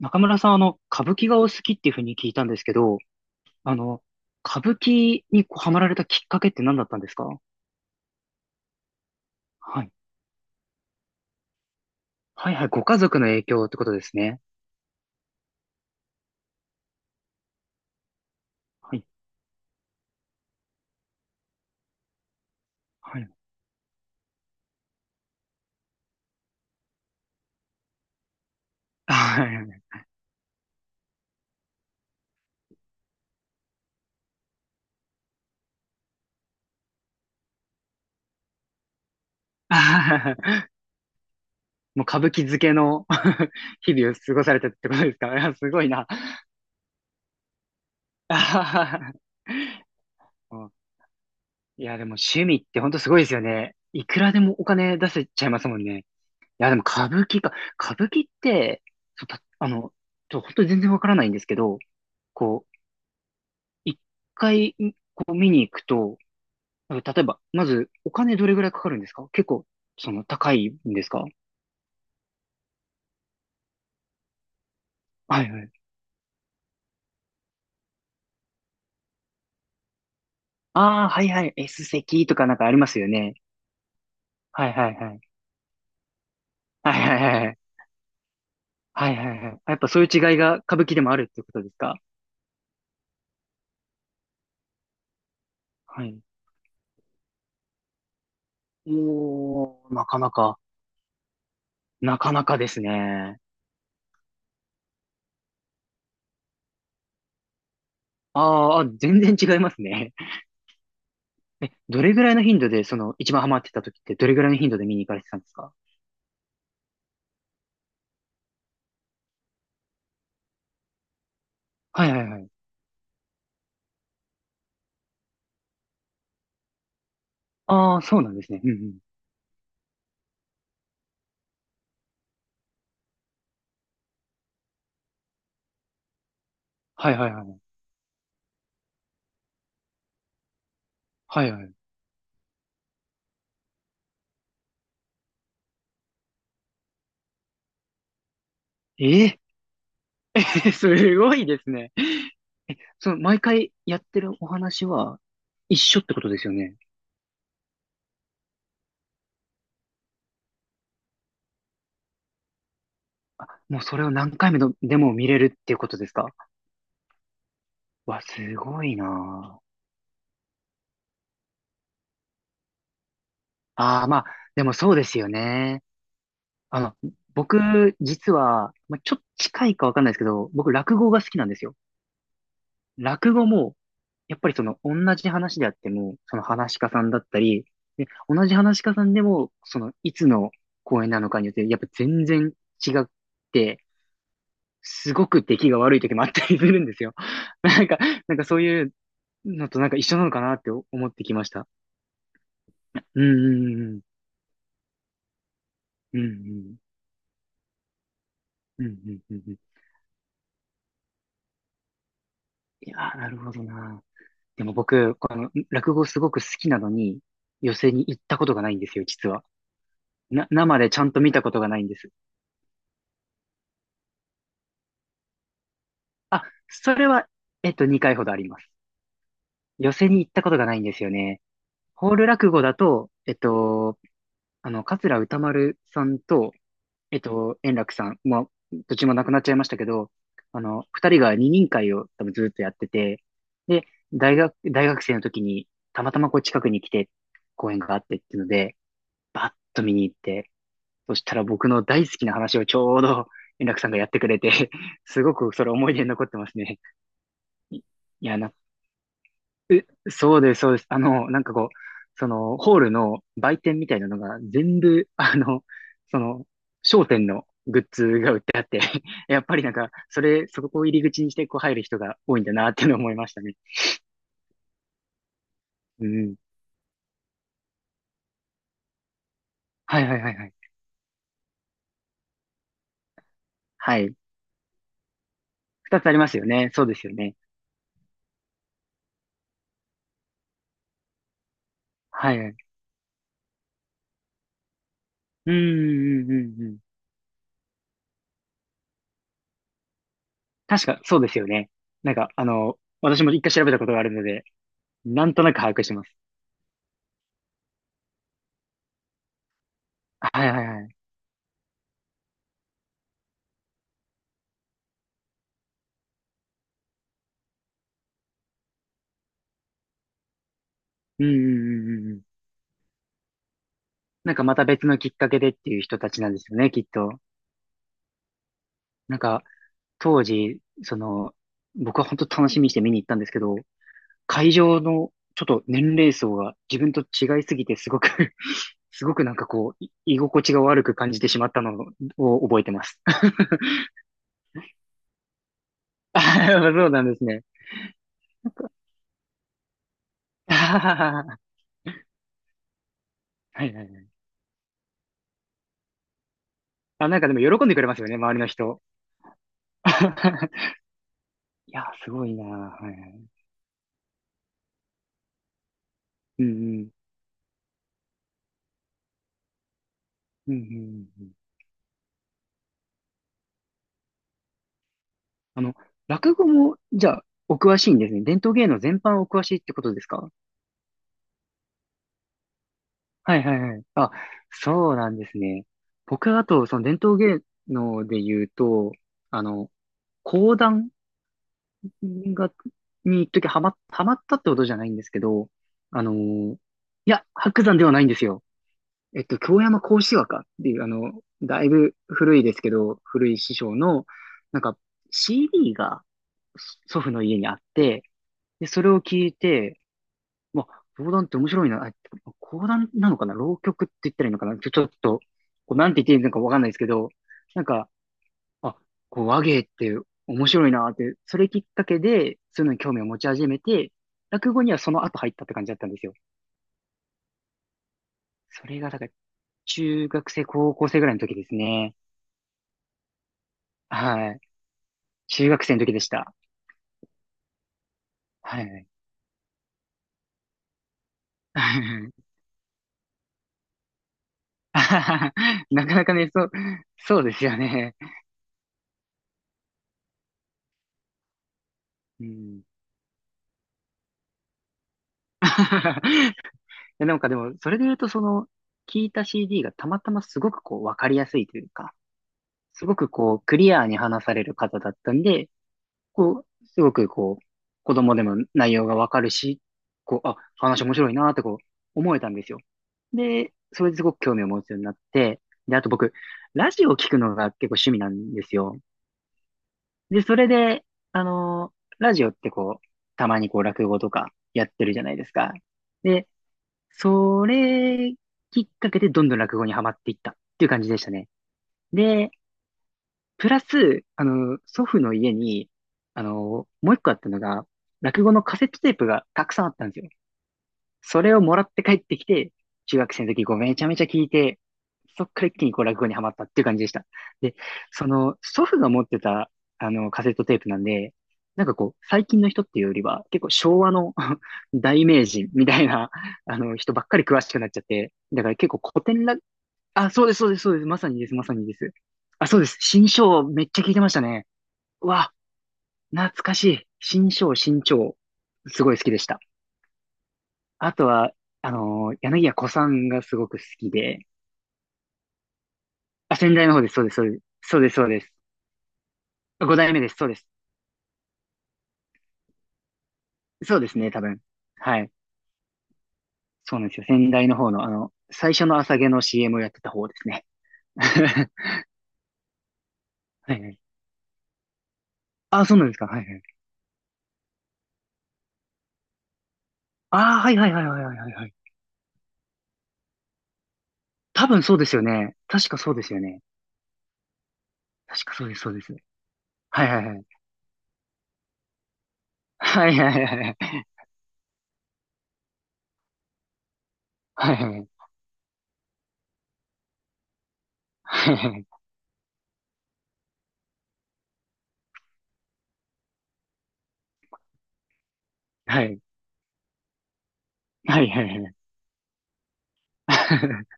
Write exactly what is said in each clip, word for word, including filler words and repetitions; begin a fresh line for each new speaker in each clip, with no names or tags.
中村さん、あの、歌舞伎がお好きっていうふうに聞いたんですけど、あの、歌舞伎にこうハマられたきっかけって何だったんですか？はい。はいはい。ご家族の影響ってことですね。はい。はい。はい、あ、はは。 もう歌舞伎漬けの 日々を過ごされたってことですか？いや、すごいな。あー、もう、いや、でも趣味って本当すごいですよね。いくらでもお金出せちゃいますもんね。いや、でも歌舞伎か。歌舞伎って、そうたあの、ちょ、ほん、全然わからないんですけど、こう、一回、こう見に行くと、なんか例えば、まず、お金どれぐらいかかるんですか？結構、その、高いんですか？はいはい。ああ、はいはい。S 席とかなんかありますよね。はいはいはい。はいはいはい。はいはいはい。やっぱそういう違いが歌舞伎でもあるってことですか？はい。おー、なかなか。なかなかですね。ああ、全然違いますね。え、どれぐらいの頻度で、その、一番ハマってた時って、どれぐらいの頻度で見に行かれてたんですか？はいはいはい。ああ、そうなんですね。うんうん。はいはいはい。はいはい。えー、すごいですね。その、毎回やってるお話は一緒ってことですよね。あ、もうそれを何回目のでも見れるっていうことですか？わ、すごいなあ。ああ、まあ、でもそうですよね。あの、僕、実は、まあ、ちょっと近いかわかんないですけど、僕、落語が好きなんですよ。落語もやっぱりその同じ話であっても、その話し家さんだったり、で、同じ話し家さんでも、そのいつの公演なのかによって、やっぱ全然違って、すごく出来が悪い時もあったりするんですよ。なんか、なんかそういうのとなんか一緒なのかなって思ってきました。うんうんうんうん。うんうんうんうんうんうんうんうんうん。いやー、なるほどな。でも僕、この落語すごく好きなのに、寄席に行ったことがないんですよ、実は。な、生でちゃんと見たことがないんです。あ、それは、えっと、にかいほどあります。寄席に行ったことがないんですよね。ホール落語だと、えっと、あの、桂歌丸さんと、えっと、円楽さん、まあ、どっちも亡くなっちゃいましたけど、あの、二人が二人会を多分ずっとやってて、で、大学、大学生の時に、たまたまこう近くに来て、公演があってっていうので、バッと見に行って、そしたら僕の大好きな話をちょうど円楽さんがやってくれて、すごくそれ思い出に残ってますね。いや、な、そうです、そうです。あの、なんかこう、その、ホールの売店みたいなのが全部、あの、その、商店のグッズが売ってあって、 やっぱりなんか、それ、そこを入り口にしてこう入る人が多いんだなっていうのを思いましたね。うん。はいはいはいはい。はい。二つありますよね。そうですよね。はいはい。うん、うん、うん、うん。確か、そうですよね。なんか、あの、私も一回調べたことがあるので、なんとなく把握してます。はいはいはい。うん、うん、うん、うんうん。なんかまた別のきっかけでっていう人たちなんですよね、きっと。なんか、当時、その、僕は本当楽しみにして見に行ったんですけど、会場のちょっと年齢層が自分と違いすぎてすごく、 すごくなんかこう、い、居心地が悪く感じてしまったのを覚えてます。あ、そうなんですね。あはははは。はいはいはい。あ、なんかでも喜んでくれますよね、周りの人。いや、すごいな。はいはい。うんうん。うんうんうんうん。あの、落語も、じゃあ、お詳しいんですね。伝統芸能全般お詳しいってことですか？はいはいはい。あ、そうなんですね。僕はあと、その伝統芸能で言うと、あの、講談が、に一時ハマ、ハマったってことじゃないんですけど、あのー、いや、白山ではないんですよ。えっと、京山幸枝若っていう、あの、だいぶ古いですけど、古い師匠の、なんか、シーディー が祖父の家にあって、で、それを聞いて、まあ、講談って面白いな。あ、講談なのかな、浪曲って言ったらいいのかな、ちょ、ちょっと、こうなんて言っていいのかわかんないですけど、なんか、あ、こう、和芸って面白いなって、それきっかけで、そういうのに興味を持ち始めて、落語にはその後入ったって感じだったんですよ。それが、だから、中学生、高校生ぐらいの時ですね。はい。中学生の時でした。はい。なかなかね、そう、そうですよね。うん。で、なんかでも、それで言うと、その、聞いた シーディー がたまたますごくこう、わかりやすいというか、すごくこう、クリアに話される方だったんで、こう、すごくこう、子供でも内容がわかるし、こう、あ、話面白いなーってこう、思えたんですよ。で、それですごく興味を持つようになって、で、あと僕、ラジオを聞くのが結構趣味なんですよ。で、それで、あのーラジオってこう、たまにこう、落語とかやってるじゃないですか。で、それきっかけでどんどん落語にはまっていったっていう感じでしたね。で、プラス、あの、祖父の家に、あの、もう一個あったのが、落語のカセットテープがたくさんあったんですよ。それをもらって帰ってきて、中学生の時こうめちゃめちゃ聞いて、そっから一気にこう落語にはまったっていう感じでした。で、その祖父が持ってたあのカセットテープなんで、なんかこう最近の人っていうよりは結構昭和の、 大名人みたいなあの人ばっかり詳しくなっちゃって、だから結構古典落、あ、そうです、そうです、そうです、まさにです、まさにです。あ、そうです。新章めっちゃ聞いてましたね。うわ、懐かしい。新章、新章。すごい好きでした。あとは、あのー、柳家小さんがすごく好きで、あ、先代の方です、そうです、そうです、そうです、そうです。五代目です、そうです。そうですね、多分。はい。そうなんですよ。先代の方の、あの、最初の朝毛の シーエム をやってた方ですね。はいはい。あ、そうなんですか。はいはい。ああ、はいはいはいはいはいはいはい。多分そうですよね。確かそうですよね。確かそうです、そうです。はいはいはい。はいはいはいはい。はいはいはい。はいはいはい。はいはいはいはい。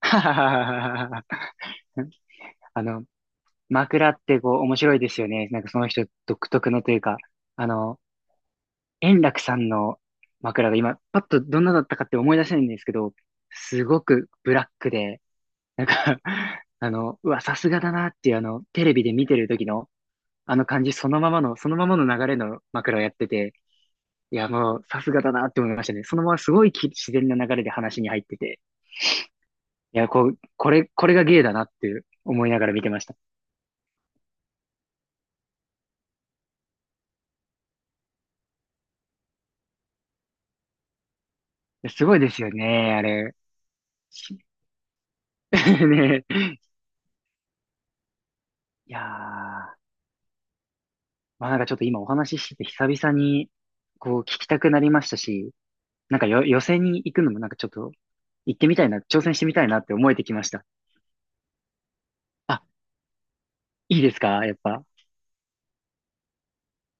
はははははは。あの、枕ってこう面白いですよね。なんかその人独特のというか、あの、円楽さんの枕が今、パッとどんなだったかって思い出せないんですけど、すごくブラックで、なんか、 あの、うわ、さすがだなっていう、あの、テレビで見てる時の、あの感じそのままの、そのままの流れの枕をやってて、いや、もう、さすがだなって思いましたね。そのまますごい、き、自然な流れで話に入ってて、いや、こう、これ、これが芸だなって思いながら見てました。すごいですよね、あれ。ねえ、いやー、まあなんかちょっと今お話ししてて久々にこう聞きたくなりましたし、なんかよ、予選に行くのもなんかちょっと行ってみたいな、挑戦してみたいなって思えてきました。あ、いいですか、やっぱ。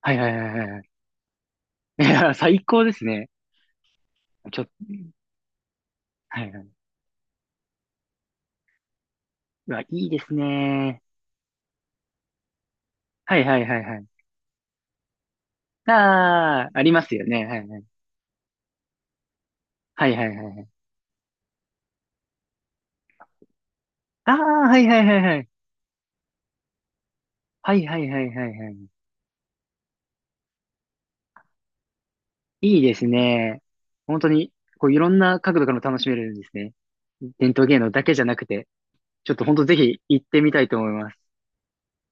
はいはいはいはい。いやー、最高ですね。ちょっと、はいはい。うわ、いいですね。はいはいはいはい。あー、ありますよね。はいはい。はいはいはいはい。あー、はいはいはいはい。はいはいはいはいはい。いいですね。本当に、こういろんな角度からも楽しめるんですね。伝統芸能だけじゃなくて、ちょっと本当ぜひ行ってみたいと思います。